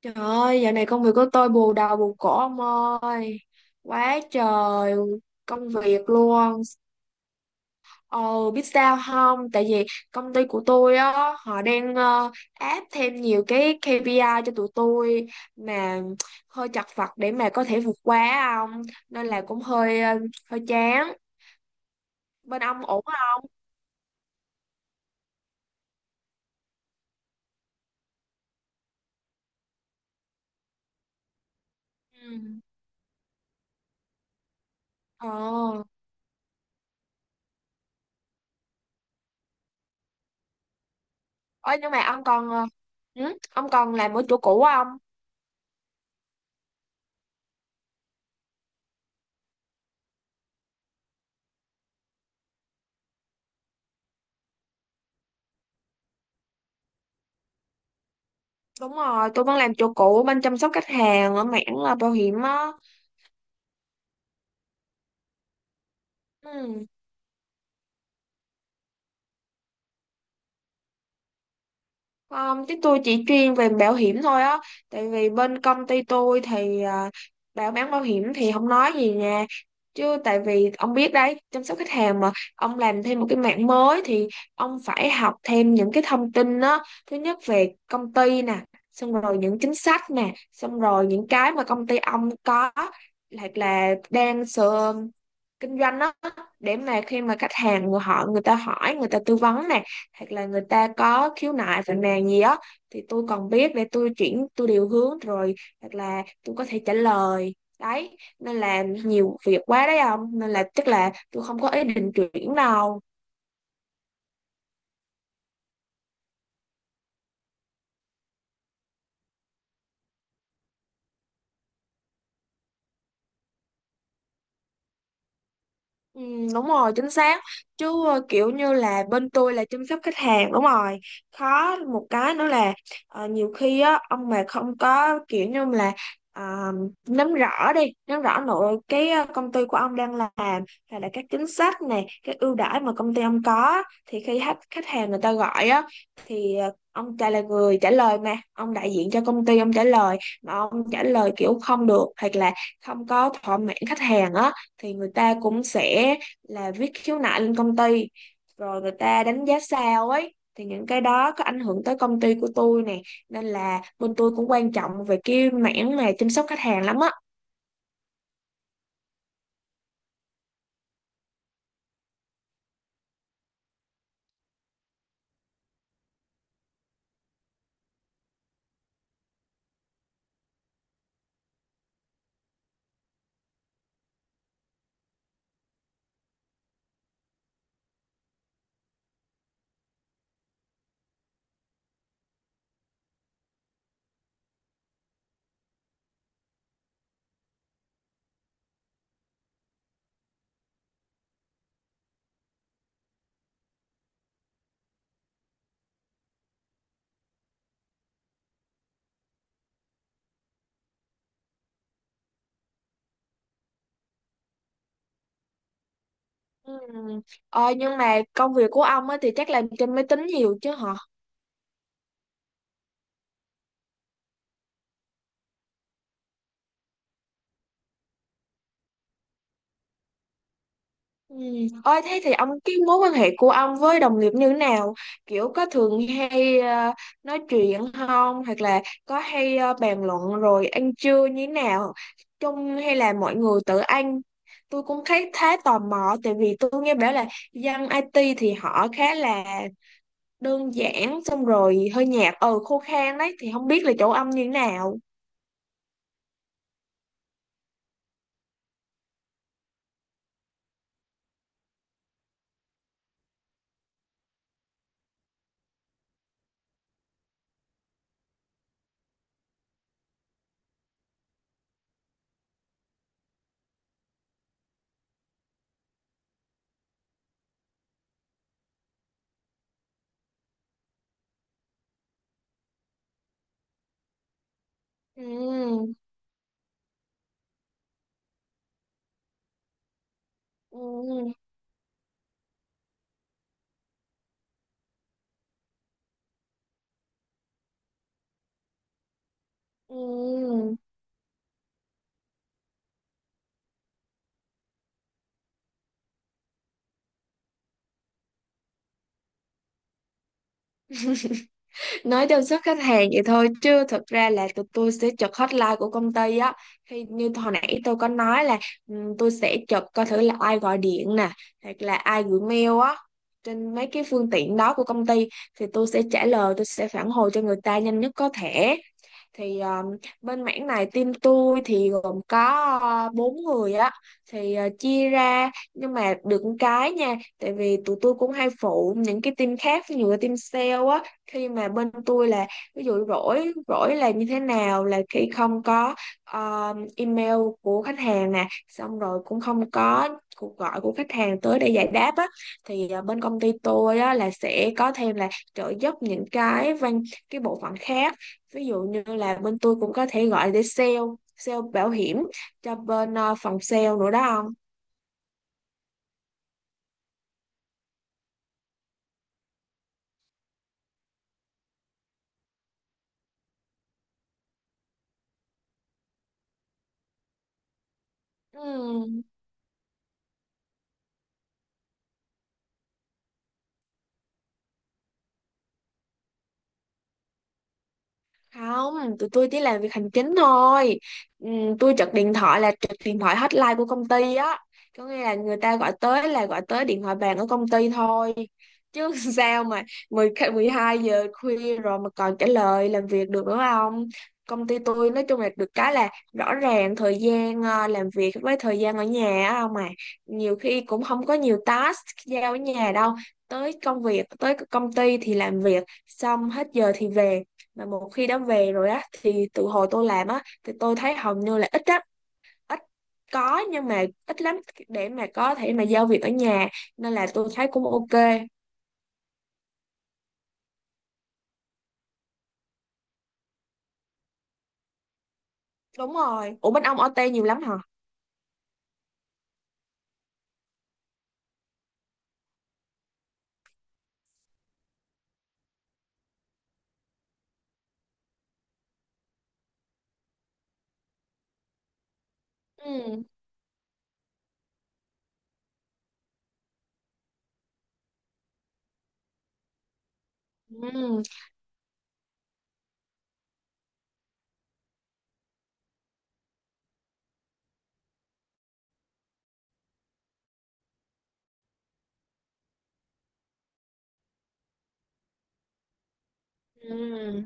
Trời ơi, dạo này công việc của tôi bù đầu bù cổ ông ơi. Quá trời công việc luôn. Ồ, biết sao không? Tại vì công ty của tôi á, họ đang áp thêm nhiều cái KPI cho tụi tôi mà hơi chật vật để mà có thể vượt qua ông. Nên là cũng hơi chán. Bên ông ổn không? Ừ. Ồ. Ôi, nhưng mà ông còn ông còn làm ở chỗ cũ không? Đúng rồi, tôi vẫn làm chỗ cũ bên chăm sóc khách hàng ở mảng là bảo hiểm á. Ừ. Chứ tôi chỉ chuyên về bảo hiểm thôi á. Tại vì bên công ty tôi thì à, bán bảo hiểm thì không nói gì nha. Chứ tại vì ông biết đấy, chăm sóc khách hàng mà ông làm thêm một cái mảng mới thì ông phải học thêm những cái thông tin á. Thứ nhất về công ty nè, xong rồi những chính sách nè, xong rồi những cái mà công ty ông có hoặc là đang sửa kinh doanh đó, để mà khi mà khách hàng người ta hỏi, người ta tư vấn này, hoặc là người ta có khiếu nại phàn nàn gì đó, thì tôi còn biết để tôi chuyển, tôi điều hướng rồi, hoặc là tôi có thể trả lời đấy. Nên là nhiều việc quá đấy ông, nên là chắc là tôi không có ý định chuyển đâu. Ừ, đúng rồi, chính xác. Chứ kiểu như là bên tôi là chăm sóc khách hàng, đúng rồi. Khó một cái nữa là nhiều khi á, ông mà không có kiểu như là ờ, nắm rõ đi, nắm rõ nội cái công ty của ông đang làm, hay là các chính sách này, các ưu đãi mà công ty ông có, thì khi khách khách hàng người ta gọi á, thì ông trả là người trả lời, mà ông đại diện cho công ty ông trả lời, mà ông trả lời kiểu không được hoặc là không có thỏa mãn khách hàng á, thì người ta cũng sẽ là viết khiếu nại lên công ty, rồi người ta đánh giá sao ấy, thì những cái đó có ảnh hưởng tới công ty của tôi nè, nên là bên tôi cũng quan trọng về cái mảng mà chăm sóc khách hàng lắm á. Ừ. nhưng mà công việc của ông á thì chắc làm trên máy tính nhiều chứ hả? Ừ. Ôi thế thì ông, cái mối quan hệ của ông với đồng nghiệp như thế nào? Kiểu có thường hay nói chuyện không? Hoặc là có hay bàn luận rồi ăn trưa như thế nào? Chung hay là mọi người tự ăn? Tôi cũng thấy khá tò mò, tại vì tôi nghe bảo là dân IT thì họ khá là đơn giản, xong rồi hơi nhạt, khô khan đấy, thì không biết là chỗ ông như thế nào. Ừ. Ừ. Ừ. Nói chăm sóc khách hàng vậy thôi, chứ thực ra là tụi tôi sẽ chụp hotline của công ty á. Khi như hồi nãy tôi có nói là tôi sẽ chụp coi thử là ai gọi điện nè, hoặc là ai gửi mail á, trên mấy cái phương tiện đó của công ty, thì tôi sẽ trả lời, tôi sẽ phản hồi cho người ta nhanh nhất có thể. Thì bên mảng này team tôi thì gồm có bốn người á, thì chia ra, nhưng mà được một cái nha, tại vì tụi tôi cũng hay phụ những cái team khác, ví dụ như team sale á. Khi mà bên tôi là ví dụ rỗi rỗi là như thế nào, là khi không có email của khách hàng nè, xong rồi cũng không có cuộc gọi của khách hàng tới để giải đáp á, thì bên công ty tôi á là sẽ có thêm là trợ giúp những cái bộ phận khác, ví dụ như là bên tôi cũng có thể gọi để sale sale bảo hiểm cho bên phòng sale nữa đó ông. Ừ. Không, tụi tôi chỉ làm việc hành chính thôi. Tôi trực điện thoại là trực điện thoại hotline của công ty á, có nghĩa là người ta gọi tới là gọi tới điện thoại bàn ở công ty thôi, chứ sao mà mười 12 giờ khuya rồi mà còn trả lời làm việc được nữa không. Công ty tôi nói chung là được cái là rõ ràng thời gian làm việc với thời gian ở nhà á, không mà, nhiều khi cũng không có nhiều task giao ở nhà đâu. Tới công việc, tới công ty thì làm việc, xong hết giờ thì về, mà một khi đã về rồi á, thì từ hồi tôi làm á thì tôi thấy hầu như là ít á, ít có, nhưng mà ít lắm để mà có thể mà giao việc ở nhà, nên là tôi thấy cũng ok. Đúng rồi. Ủa, bên ông OT nhiều lắm hả? Ừ. Ừ. Ừ.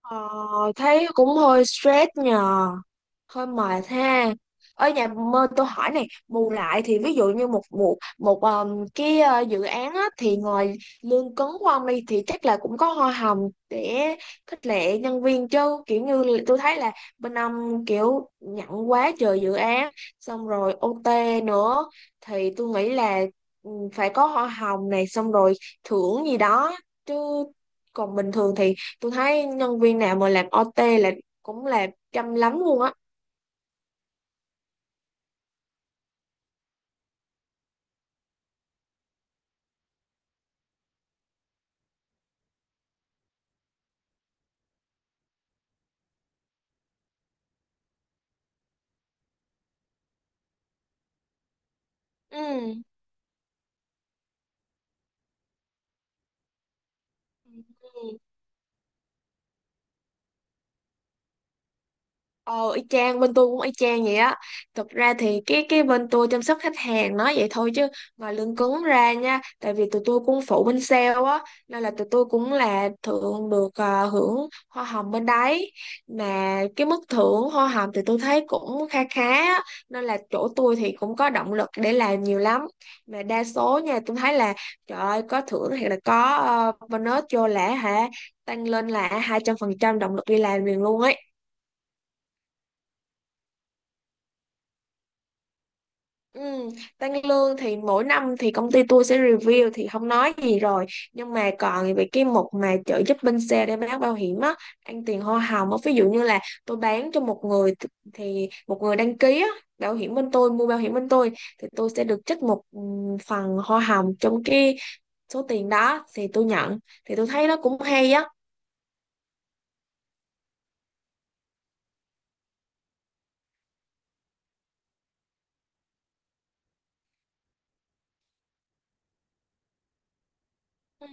ờ, thấy cũng hơi stress nhờ, hơi mệt ha. Ở nhà, mơ tôi hỏi này, bù lại thì ví dụ như một một một cái ờ, dự án á, thì ngoài lương cứng của ông đi thì chắc là cũng có hoa hồng để khích lệ nhân viên chứ, kiểu như là tôi thấy là bên ông kiểu nhận quá trời dự án xong rồi OT nữa, thì tôi nghĩ là phải có hoa hồng này, xong rồi thưởng gì đó chứ. Còn bình thường thì tôi thấy nhân viên nào mà làm OT là cũng là chăm lắm luôn á. Ừ. Ừ. Ờ, y chang, bên tôi cũng y chang vậy á. Thực ra thì cái bên tôi chăm sóc khách hàng nói vậy thôi, chứ ngoài lương cứng ra nha, tại vì tụi tôi cũng phụ bên sale á, nên là tụi tôi cũng là hưởng hoa hồng bên đấy. Mà cái mức thưởng hoa hồng thì tôi thấy cũng kha khá á, nên là chỗ tôi thì cũng có động lực để làm nhiều lắm. Mà đa số nha, tôi thấy là trời ơi, có thưởng hay là có bonus vô lẻ hả? Tăng lên là 200% động lực đi làm liền luôn ấy. Ừ, tăng lương thì mỗi năm thì công ty tôi sẽ review thì không nói gì rồi, nhưng mà còn về cái mục mà trợ giúp bên xe để bán bảo hiểm á, ăn tiền hoa hồng á, ví dụ như là tôi bán cho thì một người đăng ký á bảo hiểm bên tôi, mua bảo hiểm bên tôi, thì tôi sẽ được trích một phần hoa hồng trong cái số tiền đó thì tôi nhận, thì tôi thấy nó cũng hay á.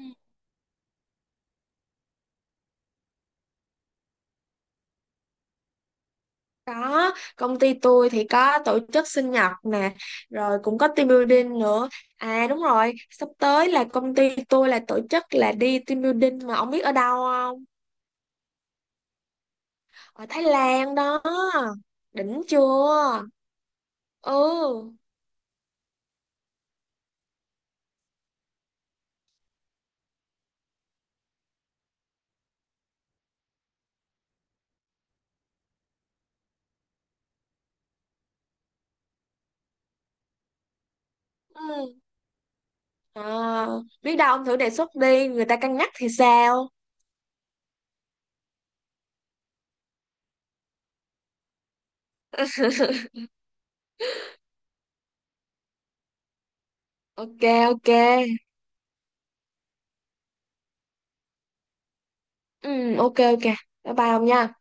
Có, công ty tôi thì có tổ chức sinh nhật nè, rồi cũng có team building nữa. À đúng rồi, sắp tới là công ty tôi là tổ chức là đi team building mà ông biết ở đâu không? Ở Thái Lan đó. Đỉnh chưa? Ừ. Ừ. À, biết đâu ông thử đề xuất đi, người ta cân nhắc thì sao? Ok, ok. Ừ, ok ok. Bye bye ông nha.